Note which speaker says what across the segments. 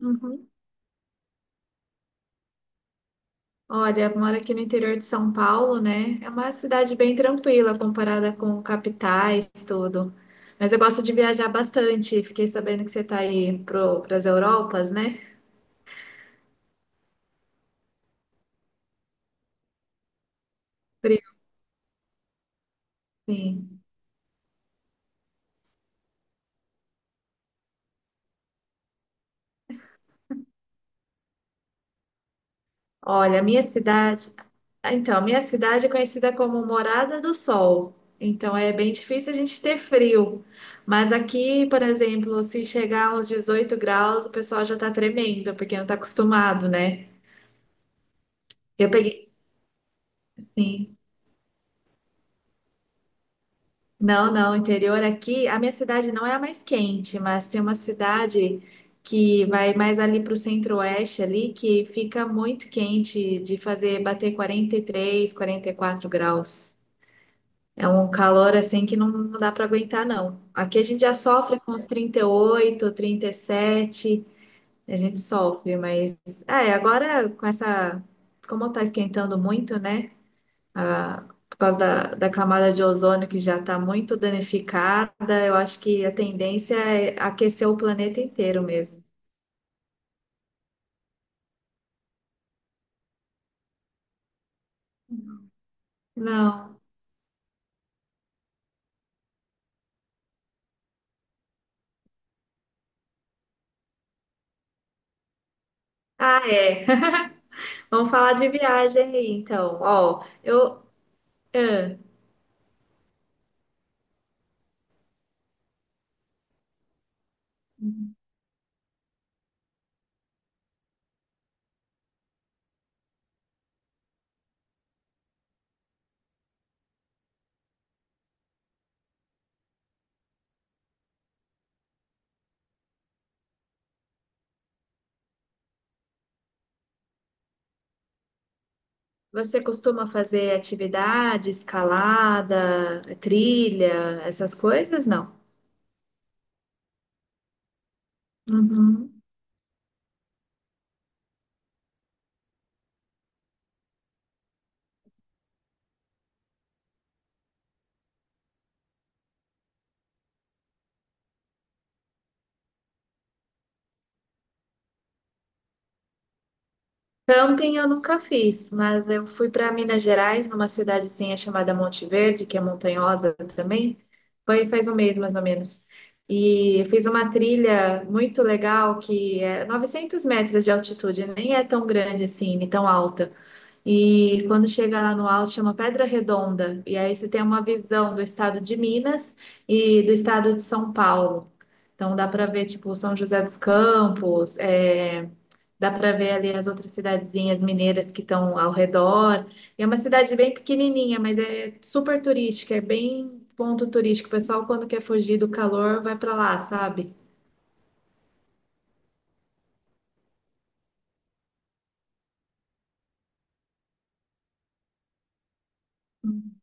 Speaker 1: Uhum. Olha, eu moro aqui no interior de São Paulo, né? É uma cidade bem tranquila comparada com capitais, tudo. Mas eu gosto de viajar bastante. Fiquei sabendo que você está aí para as Europas, né? Frio, sim. Olha, a minha cidade. Ah, então, a minha cidade é conhecida como Morada do Sol. Então, é bem difícil a gente ter frio. Mas aqui, por exemplo, se chegar aos 18 graus, o pessoal já está tremendo, porque não está acostumado, né? Eu peguei. Sim. Não, não, interior aqui, a minha cidade não é a mais quente, mas tem uma cidade que vai mais ali para o centro-oeste ali, que fica muito quente de fazer bater 43, 44 graus. É um calor assim que não, não dá para aguentar, não. Aqui a gente já sofre com os 38, 37, a gente sofre, mas é, agora com essa, como tá esquentando muito, né? a- por causa da camada de ozônio que já está muito danificada, eu acho que a tendência é aquecer o planeta inteiro mesmo. Não. Ah, é. Vamos falar de viagem aí, então. Ó, eu. ah, Você costuma fazer atividade, escalada, trilha, essas coisas? Não. Uhum. Camping eu nunca fiz, mas eu fui para Minas Gerais, numa cidadezinha chamada Monte Verde, que é montanhosa também. Foi faz um mês mais ou menos. E fiz uma trilha muito legal que é 900 metros de altitude, nem é tão grande assim, nem tão alta. E quando chega lá no alto, chama Pedra Redonda. E aí você tem uma visão do estado de Minas e do estado de São Paulo. Então dá para ver tipo São José dos Campos. Dá para ver ali as outras cidadezinhas mineiras que estão ao redor. E é uma cidade bem pequenininha, mas é super turística, é bem ponto turístico. O pessoal, quando quer fugir do calor, vai para lá, sabe? Uhum,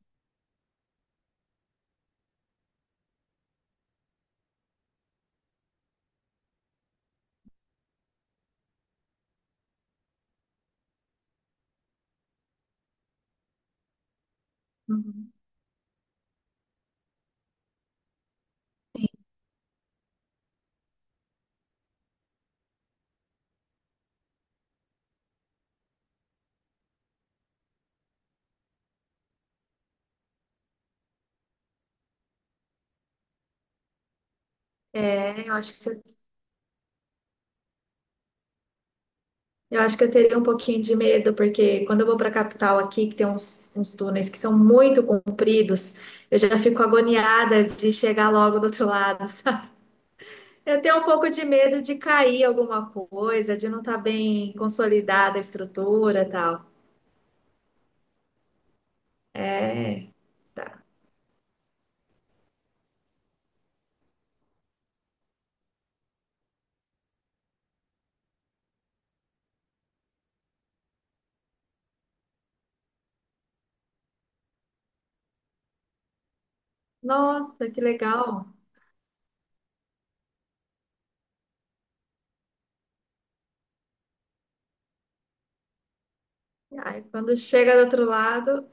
Speaker 1: uhum. É, eu acho que eu teria um pouquinho de medo, porque quando eu vou para a capital aqui, que tem uns túneis que são muito compridos, eu já fico agoniada de chegar logo do outro lado. Eu tenho um pouco de medo de cair alguma coisa, de não estar bem consolidada a estrutura, e tal. É, tá. Nossa, que legal. Ai, quando chega do outro lado,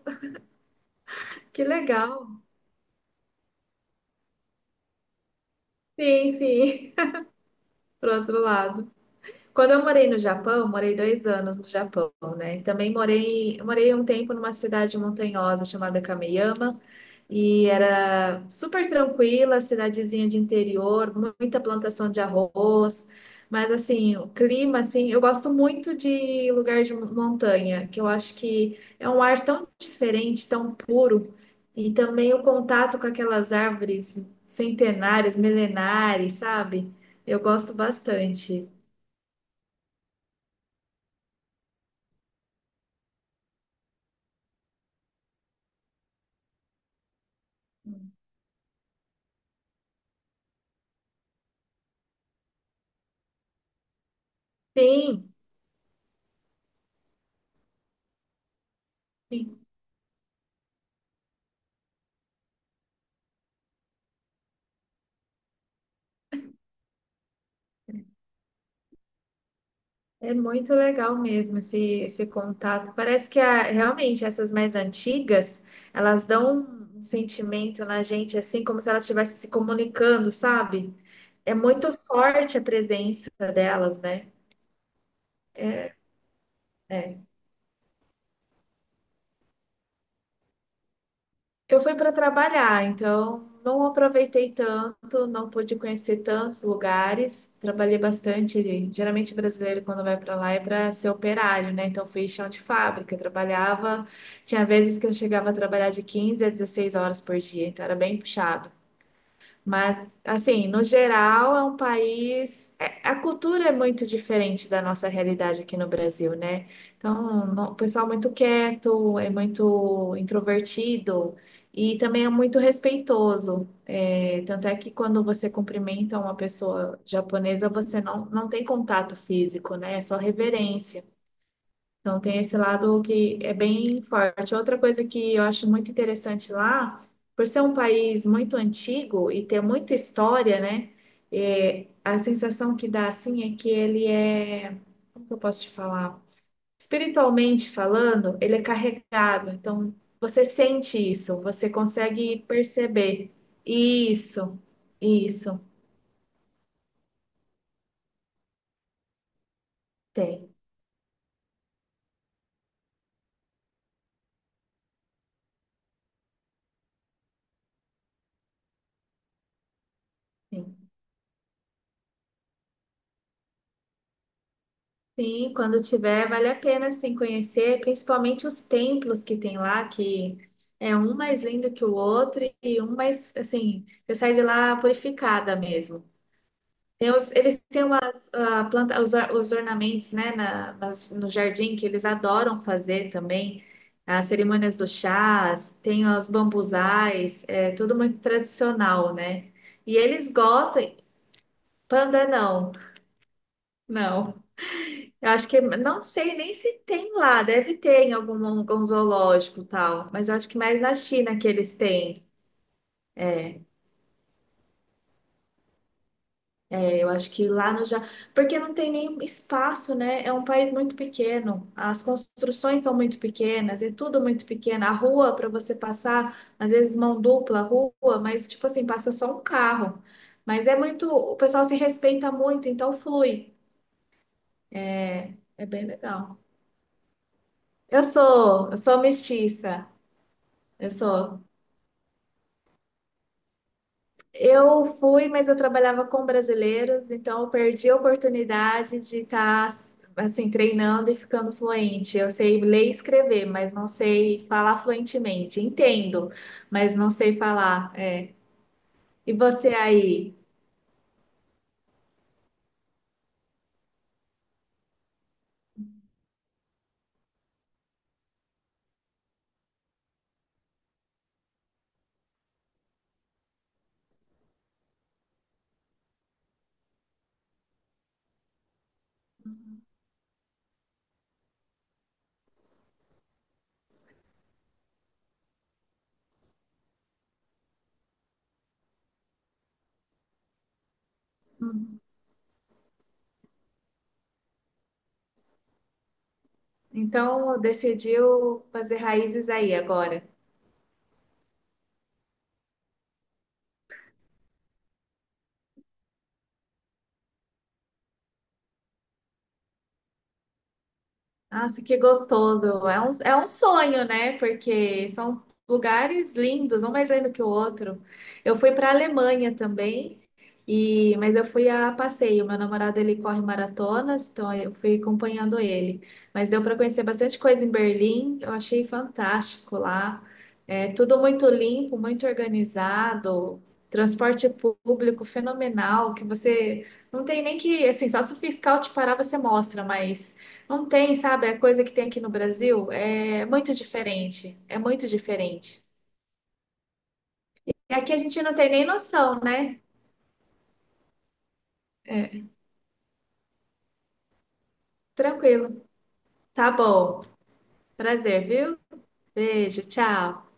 Speaker 1: que legal. Sim, sim, pro outro lado. Quando eu morei no Japão, morei 2 anos no Japão, né? E também morei um tempo numa cidade montanhosa chamada Kameyama. E era super tranquila, cidadezinha de interior, muita plantação de arroz. Mas assim, o clima, assim, eu gosto muito de lugar de montanha, que eu acho que é um ar tão diferente, tão puro, e também o contato com aquelas árvores centenárias, milenares, sabe? Eu gosto bastante. Sim, sim. É muito legal mesmo esse contato. Parece que realmente essas mais antigas, elas dão um sentimento na gente, assim como se elas estivessem se comunicando, sabe? É muito forte a presença delas, né? É. Eu fui para trabalhar, então não aproveitei tanto, não pude conhecer tantos lugares. Trabalhei bastante. Geralmente o brasileiro quando vai para lá é para ser operário, né? Então fui chão de fábrica, trabalhava. Tinha vezes que eu chegava a trabalhar de 15 a 16 horas por dia, então era bem puxado. Mas, assim, no geral, é um país. A cultura é muito diferente da nossa realidade aqui no Brasil, né? Então, o pessoal é muito quieto, é muito introvertido e também é muito respeitoso. É, tanto é que quando você cumprimenta uma pessoa japonesa, você não, não tem contato físico, né? É só reverência. Então, tem esse lado que é bem forte. Outra coisa que eu acho muito interessante lá, por ser um país muito antigo e ter muita história, né? A sensação que dá assim é que ele é, como que eu posso te falar? Espiritualmente falando, ele é carregado. Então, você sente isso, você consegue perceber. Isso, isso, tem. Sim, quando tiver, vale a pena sim conhecer, principalmente os templos que tem lá, que é um mais lindo que o outro e um mais, assim, você sai de lá purificada mesmo. Eles têm umas, os ornamentos, né, no jardim que eles adoram fazer também, as cerimônias do chás, tem os bambuzais, é tudo muito tradicional, né? E eles gostam, panda não, não. Eu acho que não sei nem se tem lá, deve ter em algum zoológico e tal, mas eu acho que mais na China que eles têm. É, eu acho que lá no Japão, porque não tem nem espaço, né? É um país muito pequeno, as construções são muito pequenas, é tudo muito pequeno. A rua para você passar, às vezes mão dupla, rua, mas tipo assim, passa só um carro. Mas é muito, o pessoal se respeita muito, então flui. É é bem legal. Eu sou mestiça. Eu sou. Eu fui, mas eu trabalhava com brasileiros, então eu perdi a oportunidade de estar assim treinando e ficando fluente. Eu sei ler e escrever, mas não sei falar fluentemente. Entendo, mas não sei falar. E você aí? Hum. Então decidiu fazer raízes aí agora? Nossa, que gostoso. É um sonho, né? Porque são lugares lindos, um mais lindo que o outro. Eu fui para a Alemanha também, e mas eu fui a passeio. Meu namorado ele corre maratonas, então eu fui acompanhando ele. Mas deu para conhecer bastante coisa em Berlim. Eu achei fantástico lá. É tudo muito limpo, muito organizado. Transporte público fenomenal, que você não tem nem que, assim, só se o fiscal te parar, você mostra, mas não tem, sabe? A coisa que tem aqui no Brasil é muito diferente. É muito diferente. E aqui a gente não tem nem noção, né? É, tranquilo. Tá bom. Prazer, viu? Beijo, tchau.